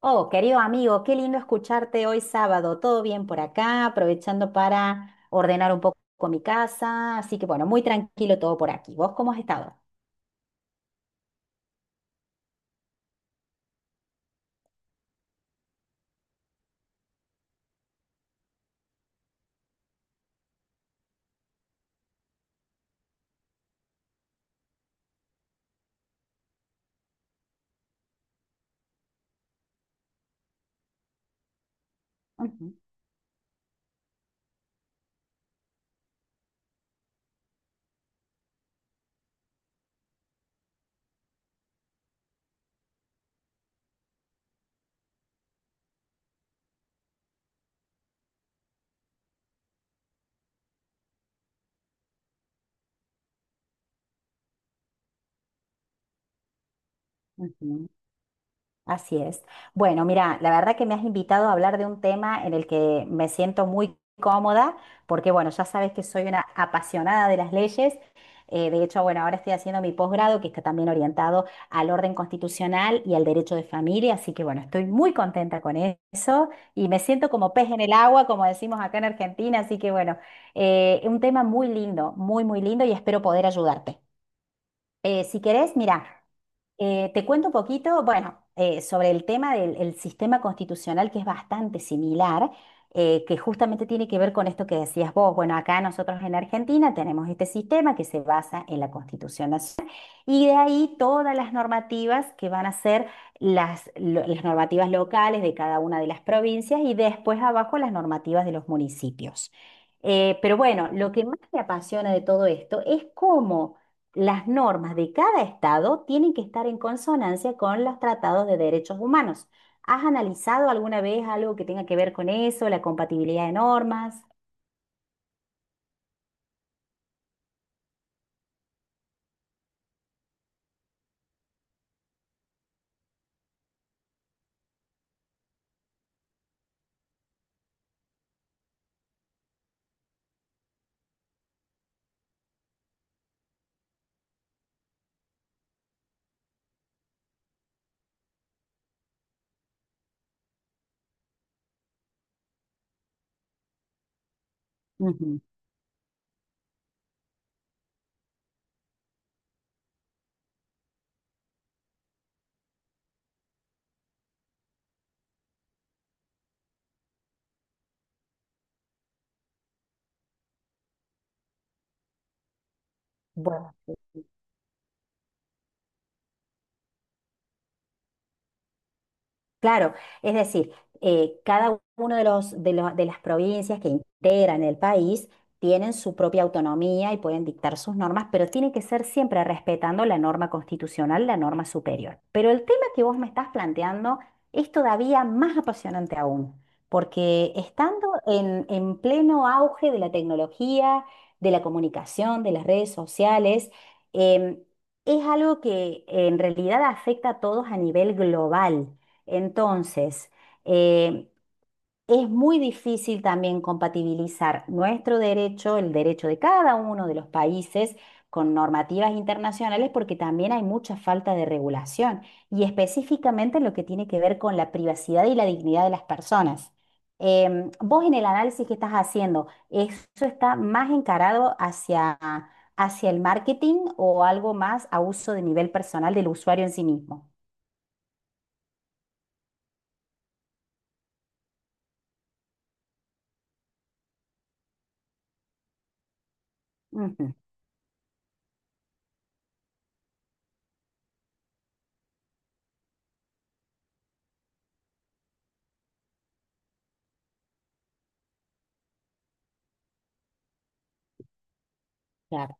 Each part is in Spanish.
Oh, querido amigo, qué lindo escucharte hoy sábado. Todo bien por acá, aprovechando para ordenar un poco mi casa. Así que bueno, muy tranquilo todo por aquí. ¿Vos cómo has estado? Ujú, ujú. Así es. Bueno, mira, la verdad que me has invitado a hablar de un tema en el que me siento muy cómoda, porque bueno, ya sabes que soy una apasionada de las leyes. De hecho, bueno, ahora estoy haciendo mi posgrado, que está también orientado al orden constitucional y al derecho de familia, así que bueno, estoy muy contenta con eso y me siento como pez en el agua, como decimos acá en Argentina, así que bueno, un tema muy lindo, muy, muy lindo y espero poder ayudarte. Si querés, mira. Te cuento un poquito, bueno, sobre el tema del el sistema constitucional que es bastante similar, que justamente tiene que ver con esto que decías vos. Bueno, acá nosotros en Argentina tenemos este sistema que se basa en la Constitución Nacional y de ahí todas las normativas que van a ser las normativas locales de cada una de las provincias y después abajo las normativas de los municipios. Pero bueno, lo que más me apasiona de todo esto es cómo las normas de cada estado tienen que estar en consonancia con los tratados de derechos humanos. ¿Has analizado alguna vez algo que tenga que ver con eso, la compatibilidad de normas? Ujú. Bueno. Claro, es decir, cada uno de de las provincias que integran el país tienen su propia autonomía y pueden dictar sus normas, pero tiene que ser siempre respetando la norma constitucional, la norma superior. Pero el tema que vos me estás planteando es todavía más apasionante aún, porque estando en pleno auge de la tecnología, de la comunicación, de las redes sociales, em, es algo que en realidad afecta a todos a nivel global. Entonces, eh, es muy difícil también compatibilizar nuestro derecho, el derecho de cada uno de los países, con normativas internacionales, porque también hay mucha falta de regulación, y específicamente en lo que tiene que ver con la privacidad y la dignidad de las personas. Vos en el análisis que estás haciendo, ¿eso está más encarado hacia, hacia el marketing o algo más a uso de nivel personal del usuario en sí mismo? Ujú, claro.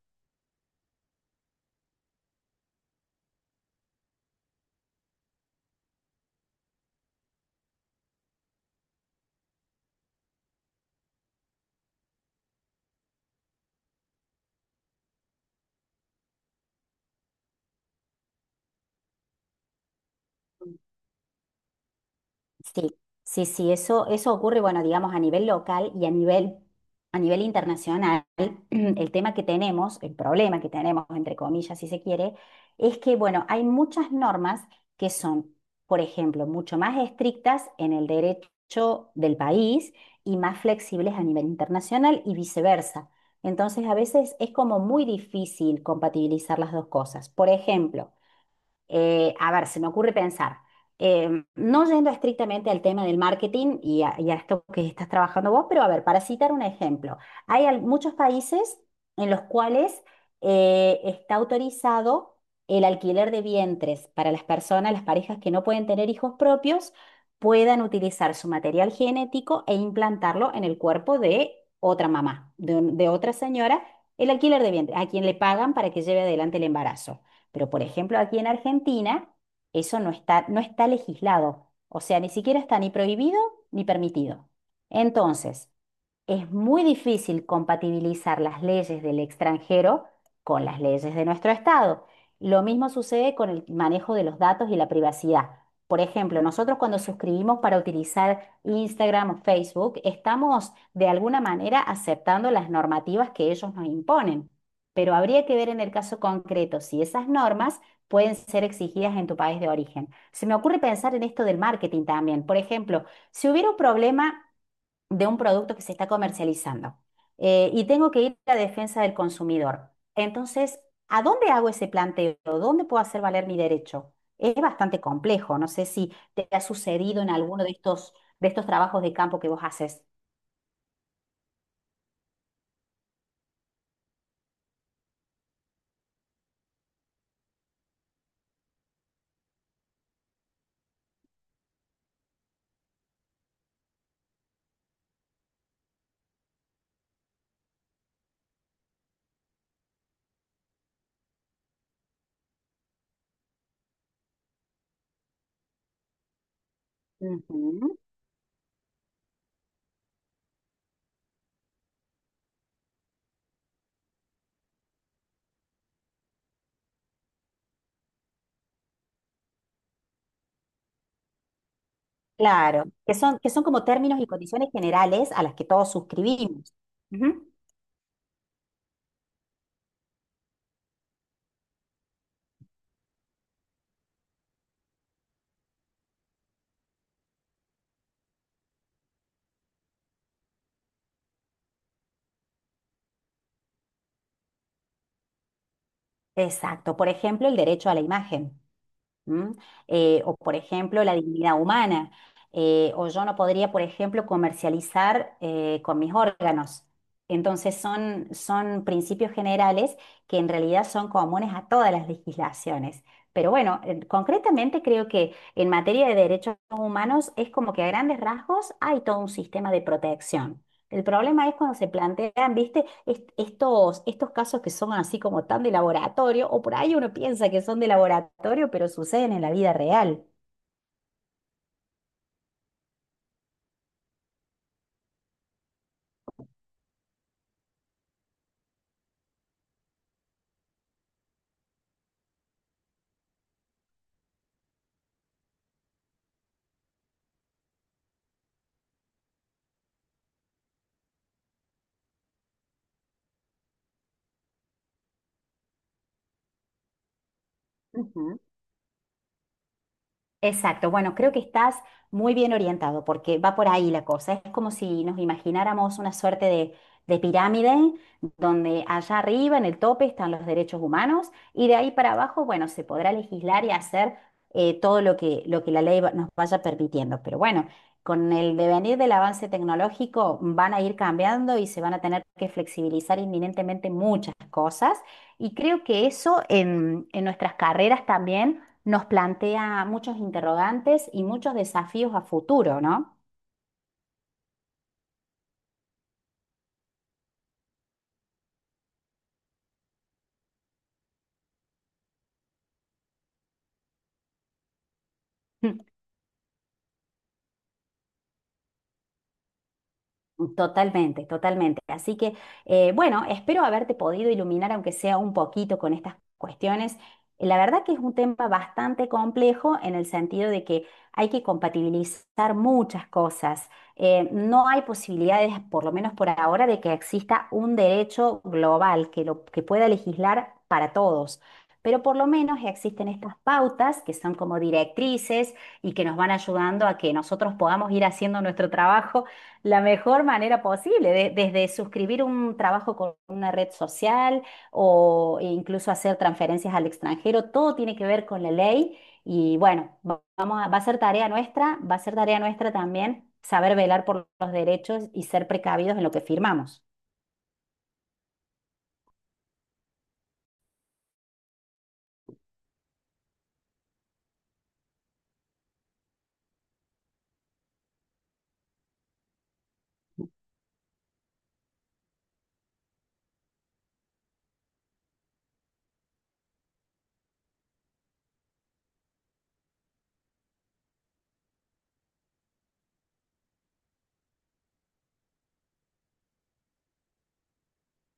Sí, sí, sí, eso ocurre, bueno, digamos, a nivel local y a nivel internacional. El tema que tenemos, el problema que tenemos, entre comillas, si se quiere, es que, bueno, hay muchas normas que son, por ejemplo, mucho más estrictas en el derecho del país y más flexibles a nivel internacional y viceversa. Entonces, a veces es como muy difícil compatibilizar las dos cosas. Por ejemplo, a ver, se me ocurre pensar, no yendo estrictamente al tema del marketing y a esto que estás trabajando vos, pero a ver, para citar un ejemplo, hay muchos países en los cuales está autorizado el alquiler de vientres para las personas, las parejas que no pueden tener hijos propios, puedan utilizar su material genético e implantarlo en el cuerpo de otra mamá, de, de otra señora, el alquiler de vientre, a quien le pagan para que lleve adelante el embarazo. Pero, por ejemplo, aquí en Argentina, eso no está legislado. O sea, ni siquiera está ni prohibido ni permitido. Entonces, es muy difícil compatibilizar las leyes del extranjero con las leyes de nuestro Estado. Lo mismo sucede con el manejo de los datos y la privacidad. Por ejemplo, nosotros cuando suscribimos para utilizar Instagram o Facebook, estamos de alguna manera aceptando las normativas que ellos nos imponen. Pero habría que ver en el caso concreto si esas normas pueden ser exigidas en tu país de origen. Se me ocurre pensar en esto del marketing también. Por ejemplo, si hubiera un problema de un producto que se está comercializando y tengo que ir a la defensa del consumidor. Entonces, ¿a dónde hago ese planteo? ¿Dónde puedo hacer valer mi derecho? Es bastante complejo. No sé si te ha sucedido en alguno de estos trabajos de campo que vos haces. Ujú. Claro, que son como términos y condiciones generales a las que todos suscribimos. Ujú. Exacto. Por ejemplo, el derecho a la imagen. ¿M? O, por ejemplo, la dignidad humana. O yo no podría, por ejemplo, comercializar con mis órganos. Entonces son, son principios generales que en realidad son comunes a todas las legislaciones. Pero bueno, concretamente creo que en materia de derechos humanos es como que a grandes rasgos hay todo un sistema de protección. El problema es cuando se plantean, ¿viste? Estos, estos casos que son así como tan de laboratorio, o por ahí uno piensa que son de laboratorio, pero suceden en la vida real. Exacto, bueno, creo que estás muy bien orientado porque va por ahí la cosa. Es como si nos imagináramos una suerte de pirámide donde allá arriba en el tope están los derechos humanos y de ahí para abajo, bueno, se podrá legislar y hacer todo lo que la ley nos vaya permitiendo. Pero bueno, con el devenir del avance tecnológico van a ir cambiando y se van a tener que flexibilizar inminentemente muchas cosas y creo que eso en nuestras carreras también nos plantea muchos interrogantes y muchos desafíos a futuro, ¿no? Mm. Totalmente, totalmente. Así que, bueno, espero haberte podido iluminar, aunque sea un poquito, con estas cuestiones. La verdad que es un tema bastante complejo en el sentido de que hay que compatibilizar muchas cosas. No hay posibilidades, por lo menos por ahora, de que exista un derecho global que, lo, que pueda legislar para todos. Pero por lo menos existen estas pautas que son como directrices y que nos van ayudando a que nosotros podamos ir haciendo nuestro trabajo la mejor manera posible, desde suscribir un trabajo con una red social o incluso hacer transferencias al extranjero, todo tiene que ver con la ley y bueno, va a ser tarea nuestra, va a ser tarea nuestra también saber velar por los derechos y ser precavidos en lo que firmamos.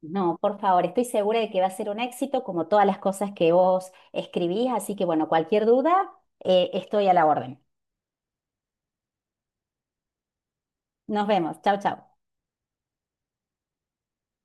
No, por favor, estoy segura de que va a ser un éxito como todas las cosas que vos escribís, así que bueno, cualquier duda, estoy a la orden. Nos vemos, chao, chao.